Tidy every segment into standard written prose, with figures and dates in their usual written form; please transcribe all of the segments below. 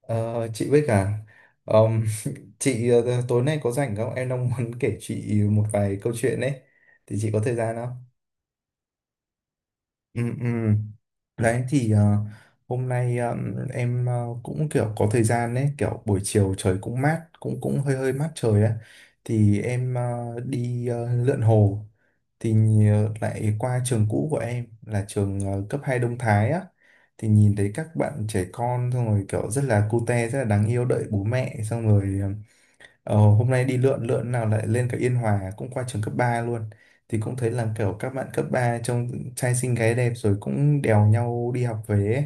Ờ, chị với cả ờm, chị, tối nay có rảnh không? Em đang muốn kể chị một vài câu chuyện đấy. Thì chị có thời gian không? Ừ, ừ. Đấy thì hôm nay em cũng kiểu có thời gian đấy, kiểu buổi chiều trời cũng mát, cũng cũng hơi hơi mát trời á. Thì em đi lượn hồ, thì lại qua trường cũ của em là trường cấp 2 Đông Thái á. Thì nhìn thấy các bạn trẻ con, xong rồi kiểu rất là cute, rất là đáng yêu, đợi bố mẹ xong rồi. Ờ, Hôm nay đi lượn lượn nào lại lên cả Yên Hòa, cũng qua trường cấp 3 luôn. Thì cũng thấy là kiểu các bạn cấp 3 trông trai xinh gái đẹp, rồi cũng đèo nhau đi học về ấy.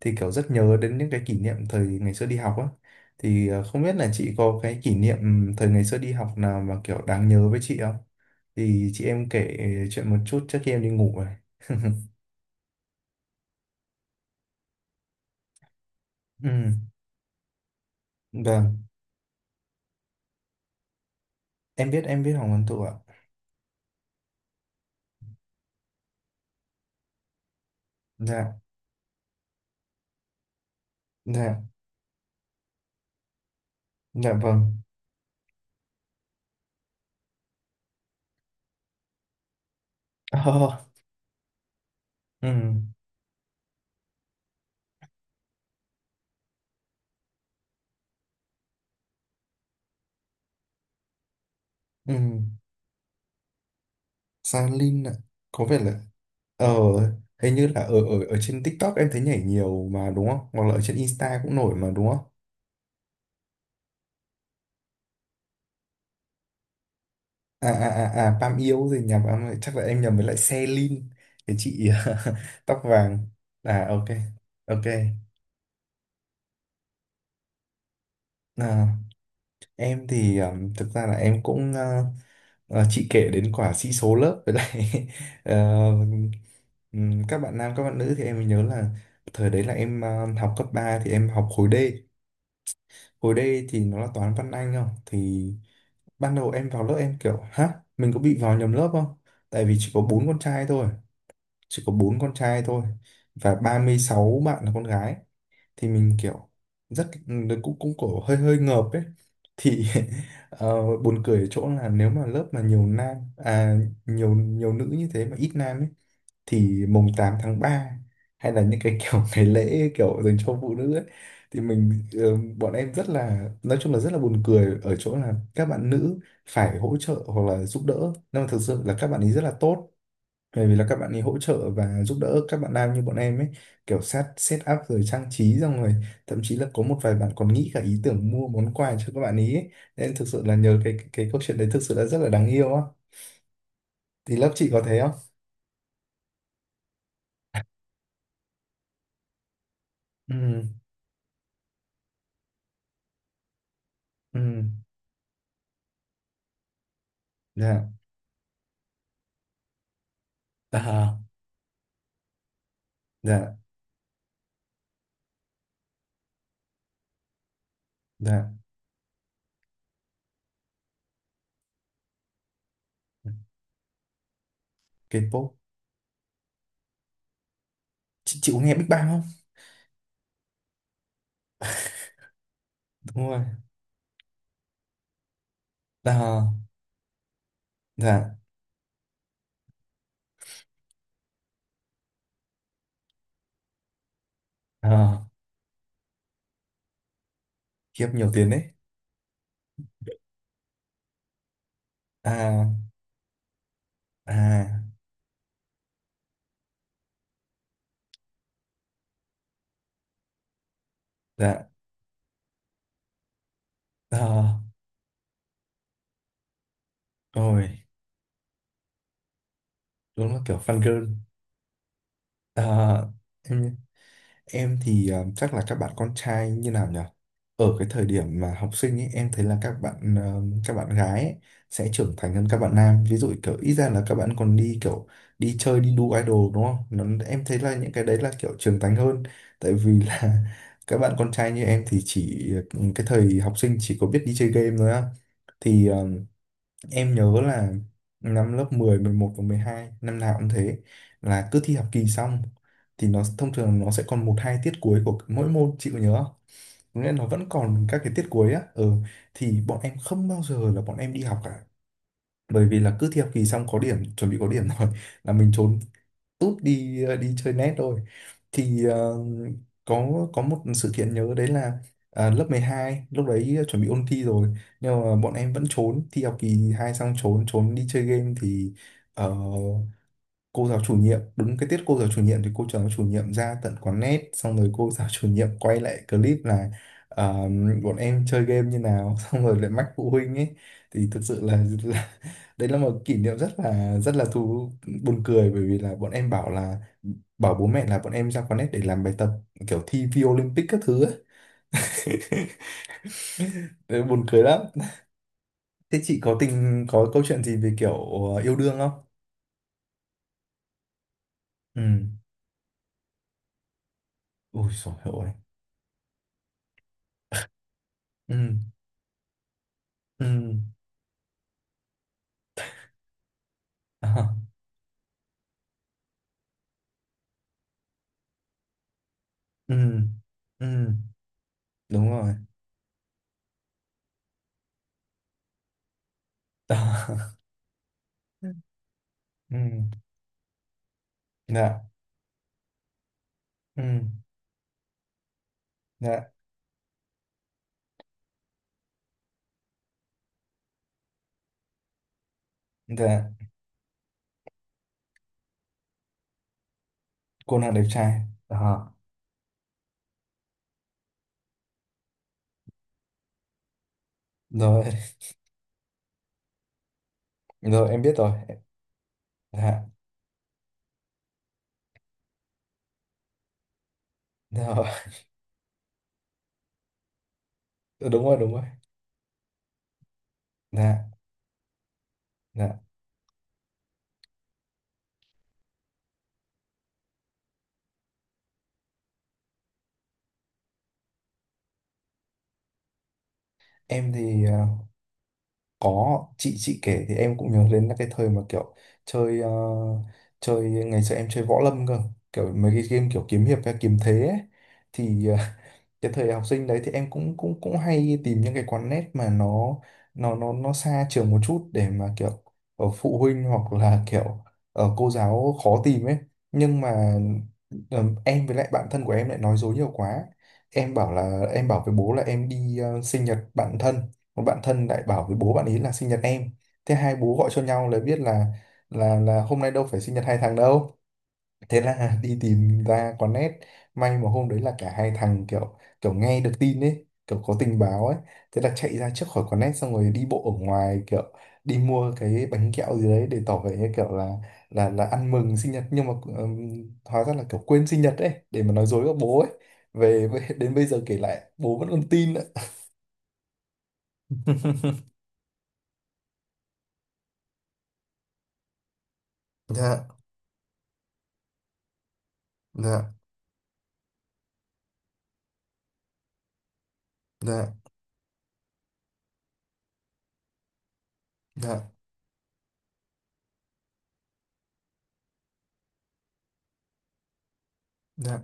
Thì kiểu rất nhớ đến những cái kỷ niệm thời ngày xưa đi học á. Thì không biết là chị có cái kỷ niệm thời ngày xưa đi học nào mà kiểu đáng nhớ với chị không, thì chị em kể chuyện một chút trước khi em đi ngủ rồi. Ừ, vâng. Em biết Hoàng Văn Thụ ạ. Dạ. Dạ dạ vâng. ờ, ừ, ừ. San ạ. Có vẻ là. ờ Hình như là ở ở ở trên TikTok em thấy nhảy nhiều mà, đúng không? Hoặc là ở trên Insta cũng nổi mà, đúng không? À à à, à Pam yêu rồi, nhầm em ơi, chắc là em nhầm với lại Selin, cái chị tóc vàng. À, ok. Ok. À, em thì thực ra là em cũng. Ờ, chị kể đến quả sĩ số lớp với lại ờ, các bạn nam, các bạn nữ thì em mới nhớ là thời đấy là em học cấp 3 thì em học khối D, hồi đây thì nó là toán văn anh không. Thì ban đầu em vào lớp em kiểu hả, mình có bị vào nhầm lớp không, tại vì chỉ có bốn con trai thôi. Chỉ có bốn con trai thôi, và 36 bạn là con gái. Thì mình kiểu rất cũng cũng cổ hơi hơi ngợp ấy. Thì buồn cười ở chỗ là nếu mà lớp mà nhiều nam, à nhiều nhiều nữ như thế mà ít nam ấy, thì mùng 8 tháng 3 hay là những cái kiểu ngày lễ kiểu dành cho phụ nữ ấy, thì mình. Ờ, Bọn em rất là, nói chung là rất là buồn cười ở chỗ là các bạn nữ phải hỗ trợ hoặc là giúp đỡ. Nhưng mà thực sự là các bạn ấy rất là tốt, bởi vì là các bạn ấy hỗ trợ và giúp đỡ các bạn nam như bọn em ấy, kiểu set set up rồi trang trí, xong rồi thậm chí là có một vài bạn còn nghĩ cả ý tưởng mua món quà cho các bạn ý ấy. Nên thực sự là nhờ cái cái câu chuyện đấy thực sự là rất là đáng yêu á. Thì lớp chị có thế không? Ừ, ừ. Dạ. À. Dạ. Dạ. K-pop. Chị có nghe Big Bang không? Đúng rồi. À. Dạ. À, khiếp nhiều tiền đấy. À. À. Dạ. À. Rồi. Đúng là kiểu fan girl. À, em thì chắc là các bạn con trai như nào nhỉ? Ở cái thời điểm mà học sinh ấy, em thấy là các bạn các bạn gái ấy sẽ trưởng thành hơn các bạn nam. Ví dụ kiểu ít ra là các bạn còn đi kiểu đi chơi, đi đu idol, đúng không? Nó, em thấy là những cái đấy là kiểu trưởng thành hơn. Tại vì là các bạn con trai như em thì chỉ. Cái thời học sinh chỉ có biết đi chơi game thôi á. Thì em nhớ là năm lớp 10, 11 và 12 năm nào cũng thế, là cứ thi học kỳ xong thì nó thông thường nó sẽ còn một hai tiết cuối của mỗi môn, chị có nhớ không? Có nghĩa là nó vẫn còn các cái tiết cuối á. Ừ. Thì bọn em không bao giờ là bọn em đi học cả, bởi vì là cứ thi học kỳ xong có điểm, chuẩn bị có điểm rồi là mình trốn tút đi, đi chơi net rồi. Thì có một sự kiện nhớ đấy là, à, lớp 12 lúc đấy chuẩn bị ôn thi rồi, nhưng mà bọn em vẫn trốn thi học kỳ hai, xong trốn trốn đi chơi game. Thì ờ, cô giáo chủ nhiệm, đúng cái tiết cô giáo chủ nhiệm, thì cô giáo chủ nhiệm ra tận quán net, xong rồi cô giáo chủ nhiệm quay lại clip là ờ, bọn em chơi game như nào, xong rồi lại mách phụ huynh ấy. Thì thực sự là, là đấy là một kỷ niệm rất là thú, buồn cười, bởi vì là bọn em bảo là, bảo bố mẹ là bọn em ra quán net để làm bài tập, kiểu thi vi Olympic các thứ ấy. Đấy, buồn cười lắm. Thế chị có tình, có câu chuyện gì về kiểu yêu đương không? Ừ. Ui dồi ôi. Ừ. Ừ. Ờ. Ừ. Ừ. Đúng rồi. Đó. Ừ. Dạ. Ừ. Dạ. Dạ. Cô nàng đẹp trai. Đó. Rồi, rồi em biết rồi. Dạ. Rồi. Ừ, đúng rồi đúng rồi. Dạ. Dạ. Em thì có chị kể thì em cũng nhớ đến là cái thời mà kiểu chơi, chơi ngày xưa em chơi võ lâm cơ, kiểu mấy cái game kiểu kiếm hiệp hay kiếm thế ấy. Thì cái thời học sinh đấy thì em cũng cũng cũng hay tìm những cái quán net mà nó nó xa trường một chút, để mà kiểu ở phụ huynh hoặc là kiểu ở cô giáo khó tìm ấy. Nhưng mà em với lại bạn thân của em lại nói dối nhiều quá, em bảo là, em bảo với bố là em đi sinh nhật bạn thân, một bạn thân lại bảo với bố bạn ấy là sinh nhật em. Thế hai bố gọi cho nhau là biết là, là hôm nay đâu phải sinh nhật hai thằng đâu. Thế là đi tìm ra có nét. May mà hôm đấy là cả hai thằng kiểu kiểu nghe được tin ấy, kiểu có tình báo ấy, thế là chạy ra trước khỏi có nét, xong rồi đi bộ ở ngoài, kiểu đi mua cái bánh kẹo gì đấy để tỏ vẻ như kiểu là là ăn mừng sinh nhật. Nhưng mà hóa ra là kiểu quên sinh nhật ấy, để mà nói dối với bố ấy về đến bây giờ kể lại bố vẫn còn tin ạ. Dạ. Dạ. Dạ. Dạ. Dạ.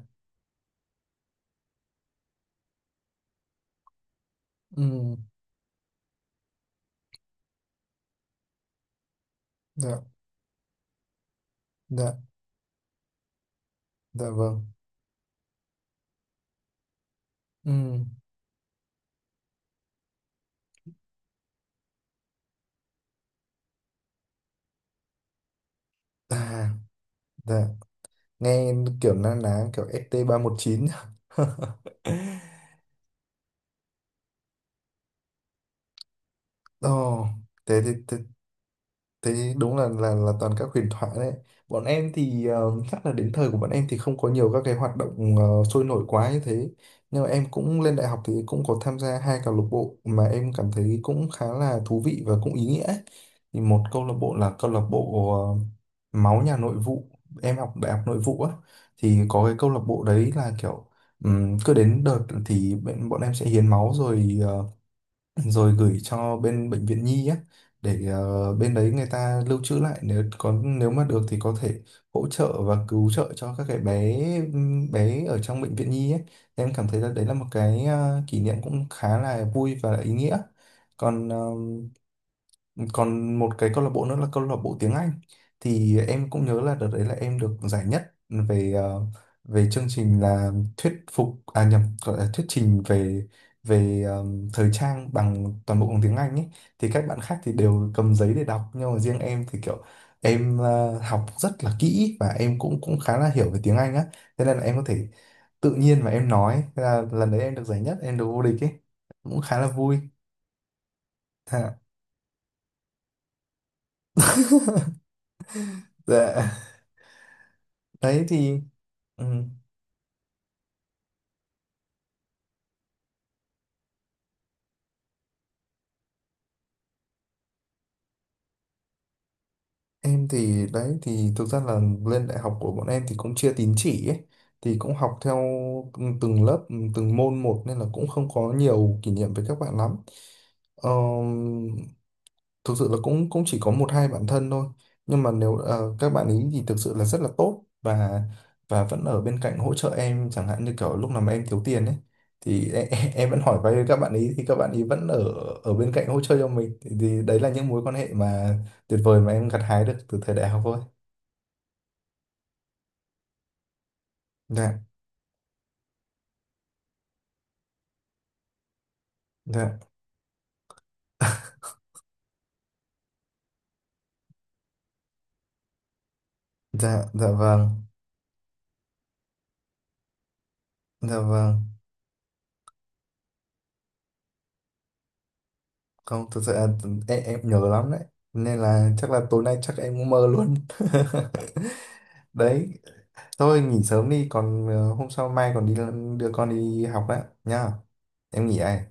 Ừ. Dạ. Dạ. Dạ vâng. Ừ. Dạ. Dạ. Nghe kiểu na ná kiểu st chín. Ồ. Thế, thế, thế, thế đúng là là toàn các huyền thoại đấy. Bọn em thì chắc là đến thời của bọn em thì không có nhiều các cái hoạt động sôi nổi quá như thế. Nhưng mà em cũng lên đại học thì cũng có tham gia hai câu lạc bộ mà em cảm thấy cũng khá là thú vị và cũng ý nghĩa. Thì một câu lạc bộ là câu lạc bộ máu nhà nội vụ, em học đại học nội vụ á. Thì có cái câu lạc bộ đấy là kiểu cứ đến đợt thì bọn em sẽ hiến máu, rồi rồi gửi cho bên bệnh viện nhi á, để bên đấy người ta lưu trữ lại, nếu có, nếu mà được thì có thể hỗ trợ và cứu trợ cho các cái bé, bé ở trong bệnh viện nhi ấy. Em cảm thấy là đấy là một cái kỷ niệm cũng khá là vui và ý nghĩa. Còn còn một cái câu lạc bộ nữa là câu lạc bộ tiếng Anh. Thì em cũng nhớ là đợt đấy là em được giải nhất về về chương trình là thuyết phục, à nhầm, gọi là thuyết trình về về thời trang bằng toàn bộ bằng tiếng Anh ấy. Thì các bạn khác thì đều cầm giấy để đọc, nhưng mà riêng em thì kiểu em học rất là kỹ và em cũng cũng khá là hiểu về tiếng Anh á. Thế nên là em có thể tự nhiên mà em nói. Thế là lần đấy em được giải nhất, em được vô địch ấy, cũng khá là vui. Ha. Dạ. Đấy thì. Ừ, em thì đấy thì thực ra là lên đại học của bọn em thì cũng chia tín chỉ ấy, thì cũng học theo từng lớp từng môn một, nên là cũng không có nhiều kỷ niệm với các bạn lắm. Ờ, thực sự là cũng cũng chỉ có một hai bạn thân thôi. Nhưng mà nếu các bạn ấy thì thực sự là rất là tốt, và vẫn ở bên cạnh hỗ trợ em, chẳng hạn như kiểu lúc nào mà em thiếu tiền ấy, thì em em vẫn hỏi vay với các bạn ấy, thì các bạn ấy vẫn ở, ở bên cạnh hỗ trợ cho mình. Thì đấy là những mối quan hệ mà tuyệt vời mà em gặt hái được từ thời đại học thôi. Dạ. Dạ. Dạ. Dạ vâng. Dạ vâng. Không, thực sự là em nhớ lắm đấy, nên là chắc là tối nay chắc em cũng mơ luôn. Đấy. Thôi nghỉ sớm đi, còn hôm sau, mai còn đi đưa con đi học đấy nhá. Em nghỉ đây.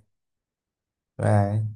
Bye.